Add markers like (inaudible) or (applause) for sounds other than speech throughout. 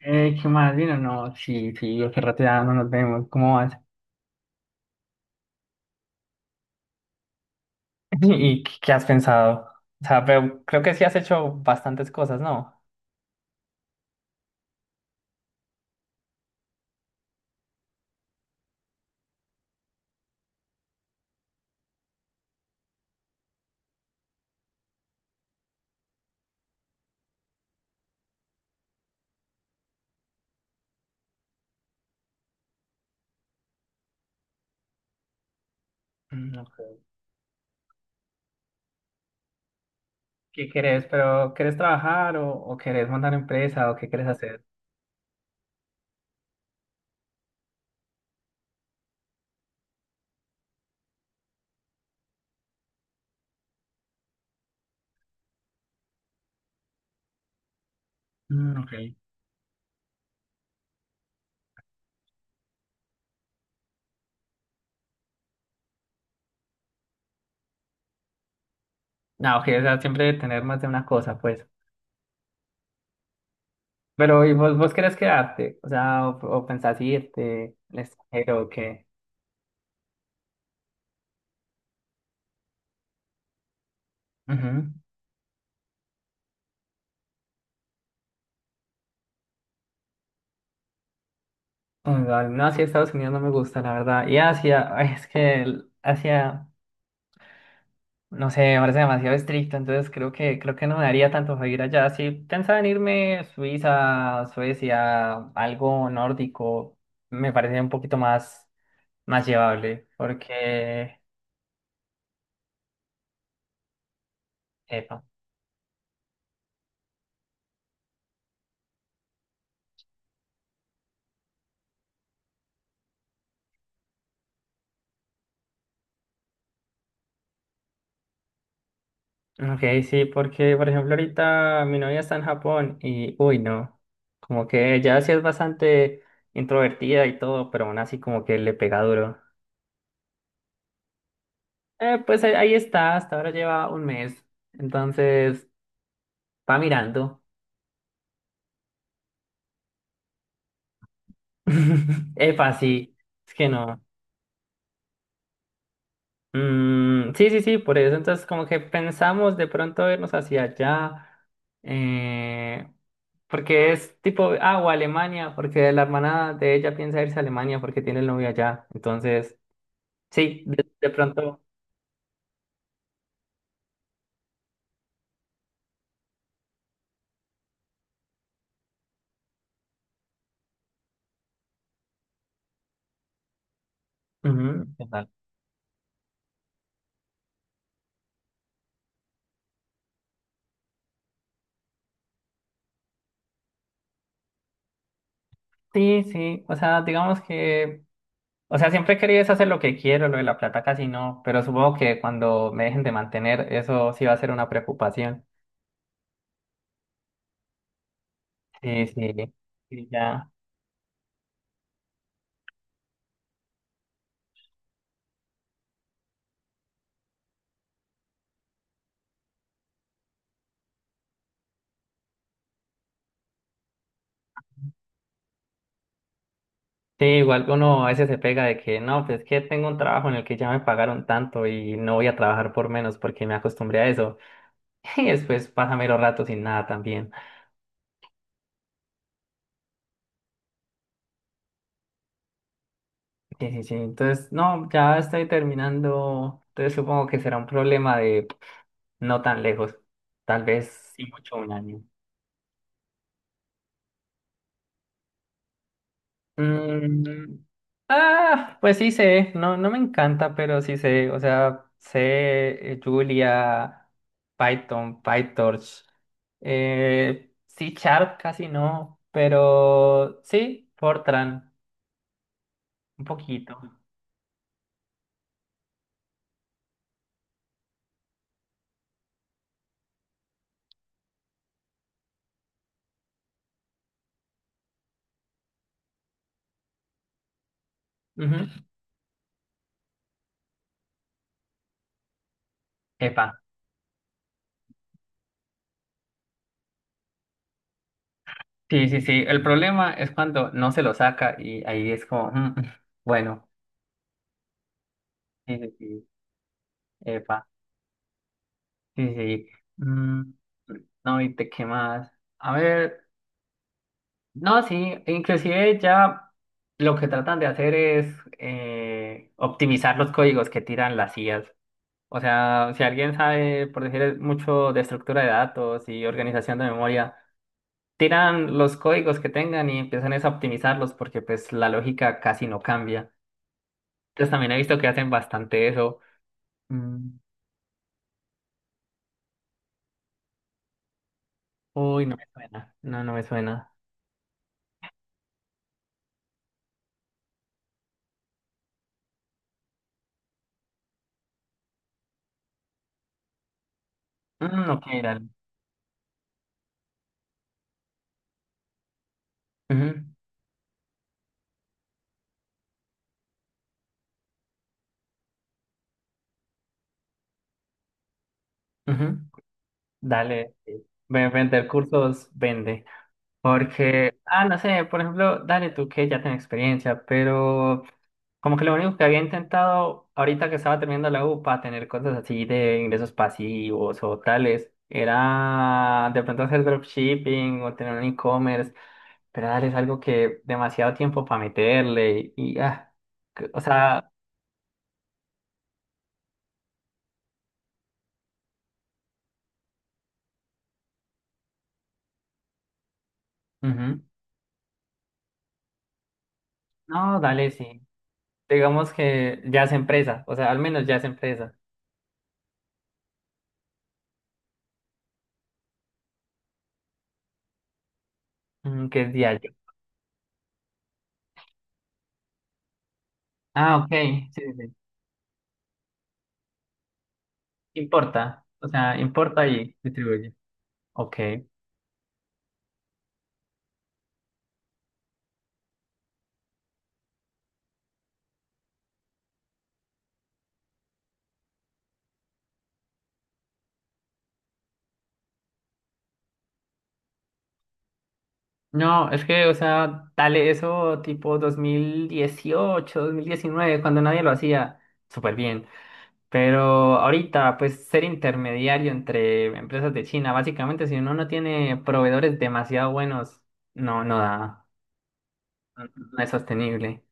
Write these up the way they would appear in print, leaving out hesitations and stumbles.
¿Qué más, Lino? No, sí, sí, hace rato ya no nos vemos. ¿Cómo vas? (laughs) ¿Y qué has pensado? O sea, pero creo que sí has hecho bastantes cosas, ¿no? Mm, ok. ¿Qué querés? ¿Pero querés trabajar o querés montar empresa o qué querés hacer? Mm, ok. No, ok, o sea, siempre tener más de una cosa, pues. Pero, ¿y vos querés quedarte? O sea, o pensás irte al extranjero o qué? Ujú. O sea, no, sí, Estados Unidos no me gusta, la verdad. Y Asia, (laughs) ay, es que Asia. No sé, me parece demasiado estricto, entonces creo que no me daría tanto para ir allá. Si pensaba en irme a Suiza, Suecia, algo nórdico, me parece un poquito más llevable, porque, epa. Ok, sí, porque por ejemplo ahorita mi novia está en Japón y, uy, no, como que ella sí es bastante introvertida y todo, pero aún así como que le pega duro. Pues ahí está, hasta ahora lleva un mes, entonces va mirando. (laughs) Epa, sí, es que no. Mm, sí, sí, sí, por eso. Entonces, como que pensamos de pronto irnos hacia allá, eh, porque es tipo, ah, o Alemania, porque la hermana de ella piensa irse a Alemania porque tiene el novio allá. Entonces, sí, de pronto. Ujú, total. Sí, sí, o sea, digamos que, o sea, siempre he querido es hacer lo que quiero, lo de la plata casi no, pero supongo que cuando me dejen de mantener, eso sí va a ser una preocupación. Sí, sí, sí, ya. Sí, igual uno a veces se pega de que no, pues es que tengo un trabajo en el que ya me pagaron tanto y no voy a trabajar por menos porque me acostumbré a eso. (laughs) Y después pasa mero rato sin nada también. Sí, sí, sí. Entonces, no, ya estoy terminando. Entonces supongo que será un problema de no tan lejos. Tal vez sí mucho un año. Mm, ah, pues sí sé, no, no me encanta, pero sí sé, o sea, sé Julia, Python, PyTorch, C Sharp casi no, pero sí, Fortran, un poquito. Ujú. Epa, sí, sí, sí. El problema es cuando no se lo saca y ahí es como, (laughs) bueno, sí, sí, sí, epa, sí, sí. Mm, no, ¿y te qué más? A ver. No, sí, inclusive ya lo que tratan de hacer es optimizar los códigos que tiran las IAs. O sea, si alguien sabe, por decir mucho de estructura de datos y organización de memoria, tiran los códigos que tengan y empiezan es a optimizarlos porque pues la lógica casi no cambia. Entonces también he visto que hacen bastante eso. Mm. Uy, no me suena. No, no me suena. Mm, ok, dale. Ujú, ujú. Dale. Sí. Vender cursos, vende. Porque, ah, no sé, por ejemplo, dale tú que ya tienes experiencia, pero como que lo único que había intentado ahorita que estaba terminando la U para tener cosas así de ingresos pasivos o tales, era de pronto hacer dropshipping o tener un e-commerce, pero dale, es algo que demasiado tiempo para meterle y, ah, o sea, ujú. No, dale, sí. Digamos que ya es empresa, o sea, al menos ya es empresa, que es diario. Ah, ok, sí, sí. Sí. Importa, o sea, importa y distribuye. Ok. No, es que, o sea, dale eso tipo dos mil dieciocho, 2019 cuando nadie lo hacía, súper bien. Pero ahorita, pues ser intermediario entre empresas de China, básicamente, si uno no tiene proveedores demasiado buenos, no, no da, no, no es sostenible,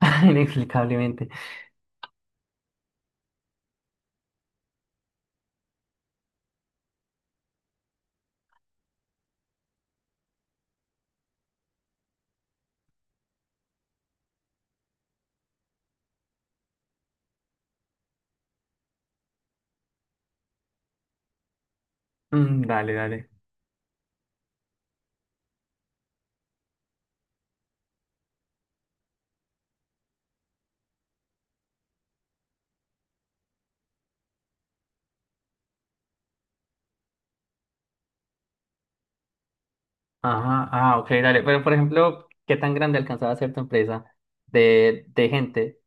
(laughs) inexplicablemente. Mm, dale, dale. Ajá, ah, ok, dale. Pero, por ejemplo, ¿qué tan grande alcanzaba a ser tu empresa de gente?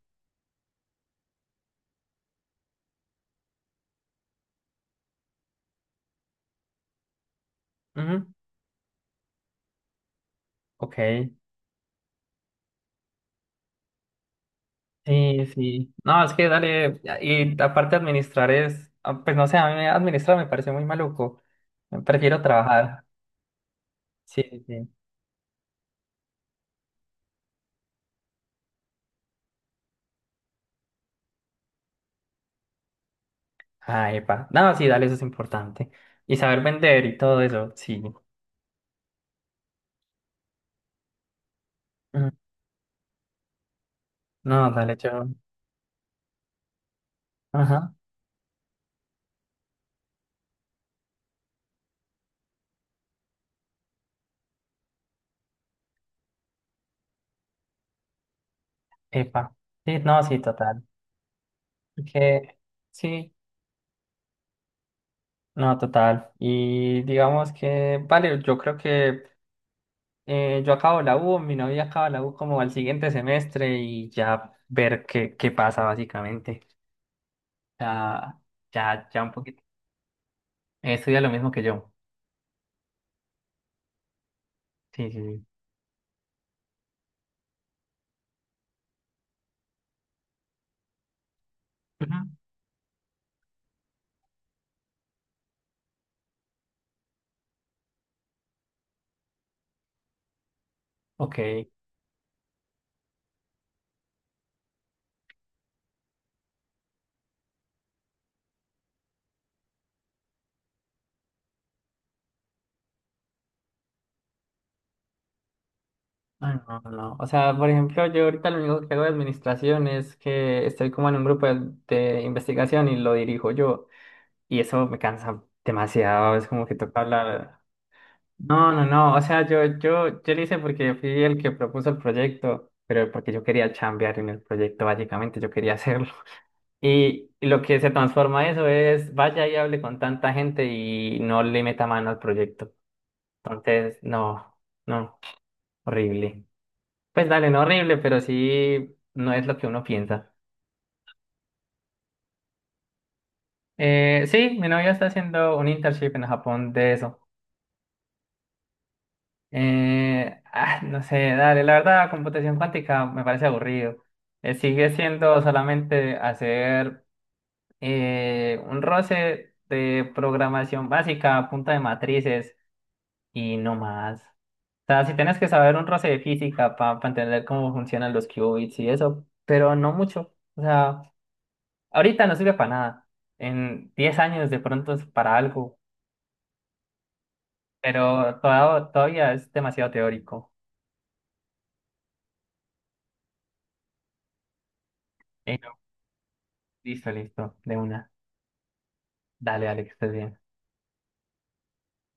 Ok, sí, sí. No, es que dale, y aparte administrar es, ah, pues no sé, a mí administrar me parece muy maluco. Prefiero trabajar. Sí, sí. Sí. Ah, epa. No, sí, dale, eso es importante. Y saber vender y todo eso, sí. Mm, no, dale, yo. Ajá, epa. Sí, no, sí, total. Que, sí, no, total. Y digamos que, vale, yo creo que yo acabo la U, mi novia acaba la U como al siguiente semestre y ya ver qué, pasa básicamente. Ya, ya, ya un poquito. Estudia lo mismo que yo. Sí, sí, sí. Ujú. Ok. Ah, no, no. No. O sea, por ejemplo, yo ahorita lo único que hago de administración es que estoy como en un grupo de investigación y lo dirijo yo. Y eso me cansa demasiado. Es como que toca hablar. No, no, no, o sea, yo lo hice porque fui el que propuso el proyecto, pero porque yo quería chambear en el proyecto, básicamente, yo quería (laughs) hacerlo. Y lo que se transforma eso es, vaya y hable con tanta gente y no le meta mano al proyecto. Entonces, no, no, horrible. Pues dale, no horrible, pero sí, no es lo que uno piensa. Sí, mi novia está haciendo un internship en Japón de eso. Ah, no sé, dale, la verdad, computación cuántica me parece aburrido. Sigue siendo solamente hacer un roce de programación básica a punta de matrices y no más. O sea, si tienes que saber un roce de física para entender cómo funcionan los qubits y eso, pero no mucho. O sea, ahorita no sirve para nada. En 10 años de pronto es para algo, pero todavía es demasiado teórico. No, listo, listo, de una. Dale, dale, que estés bien.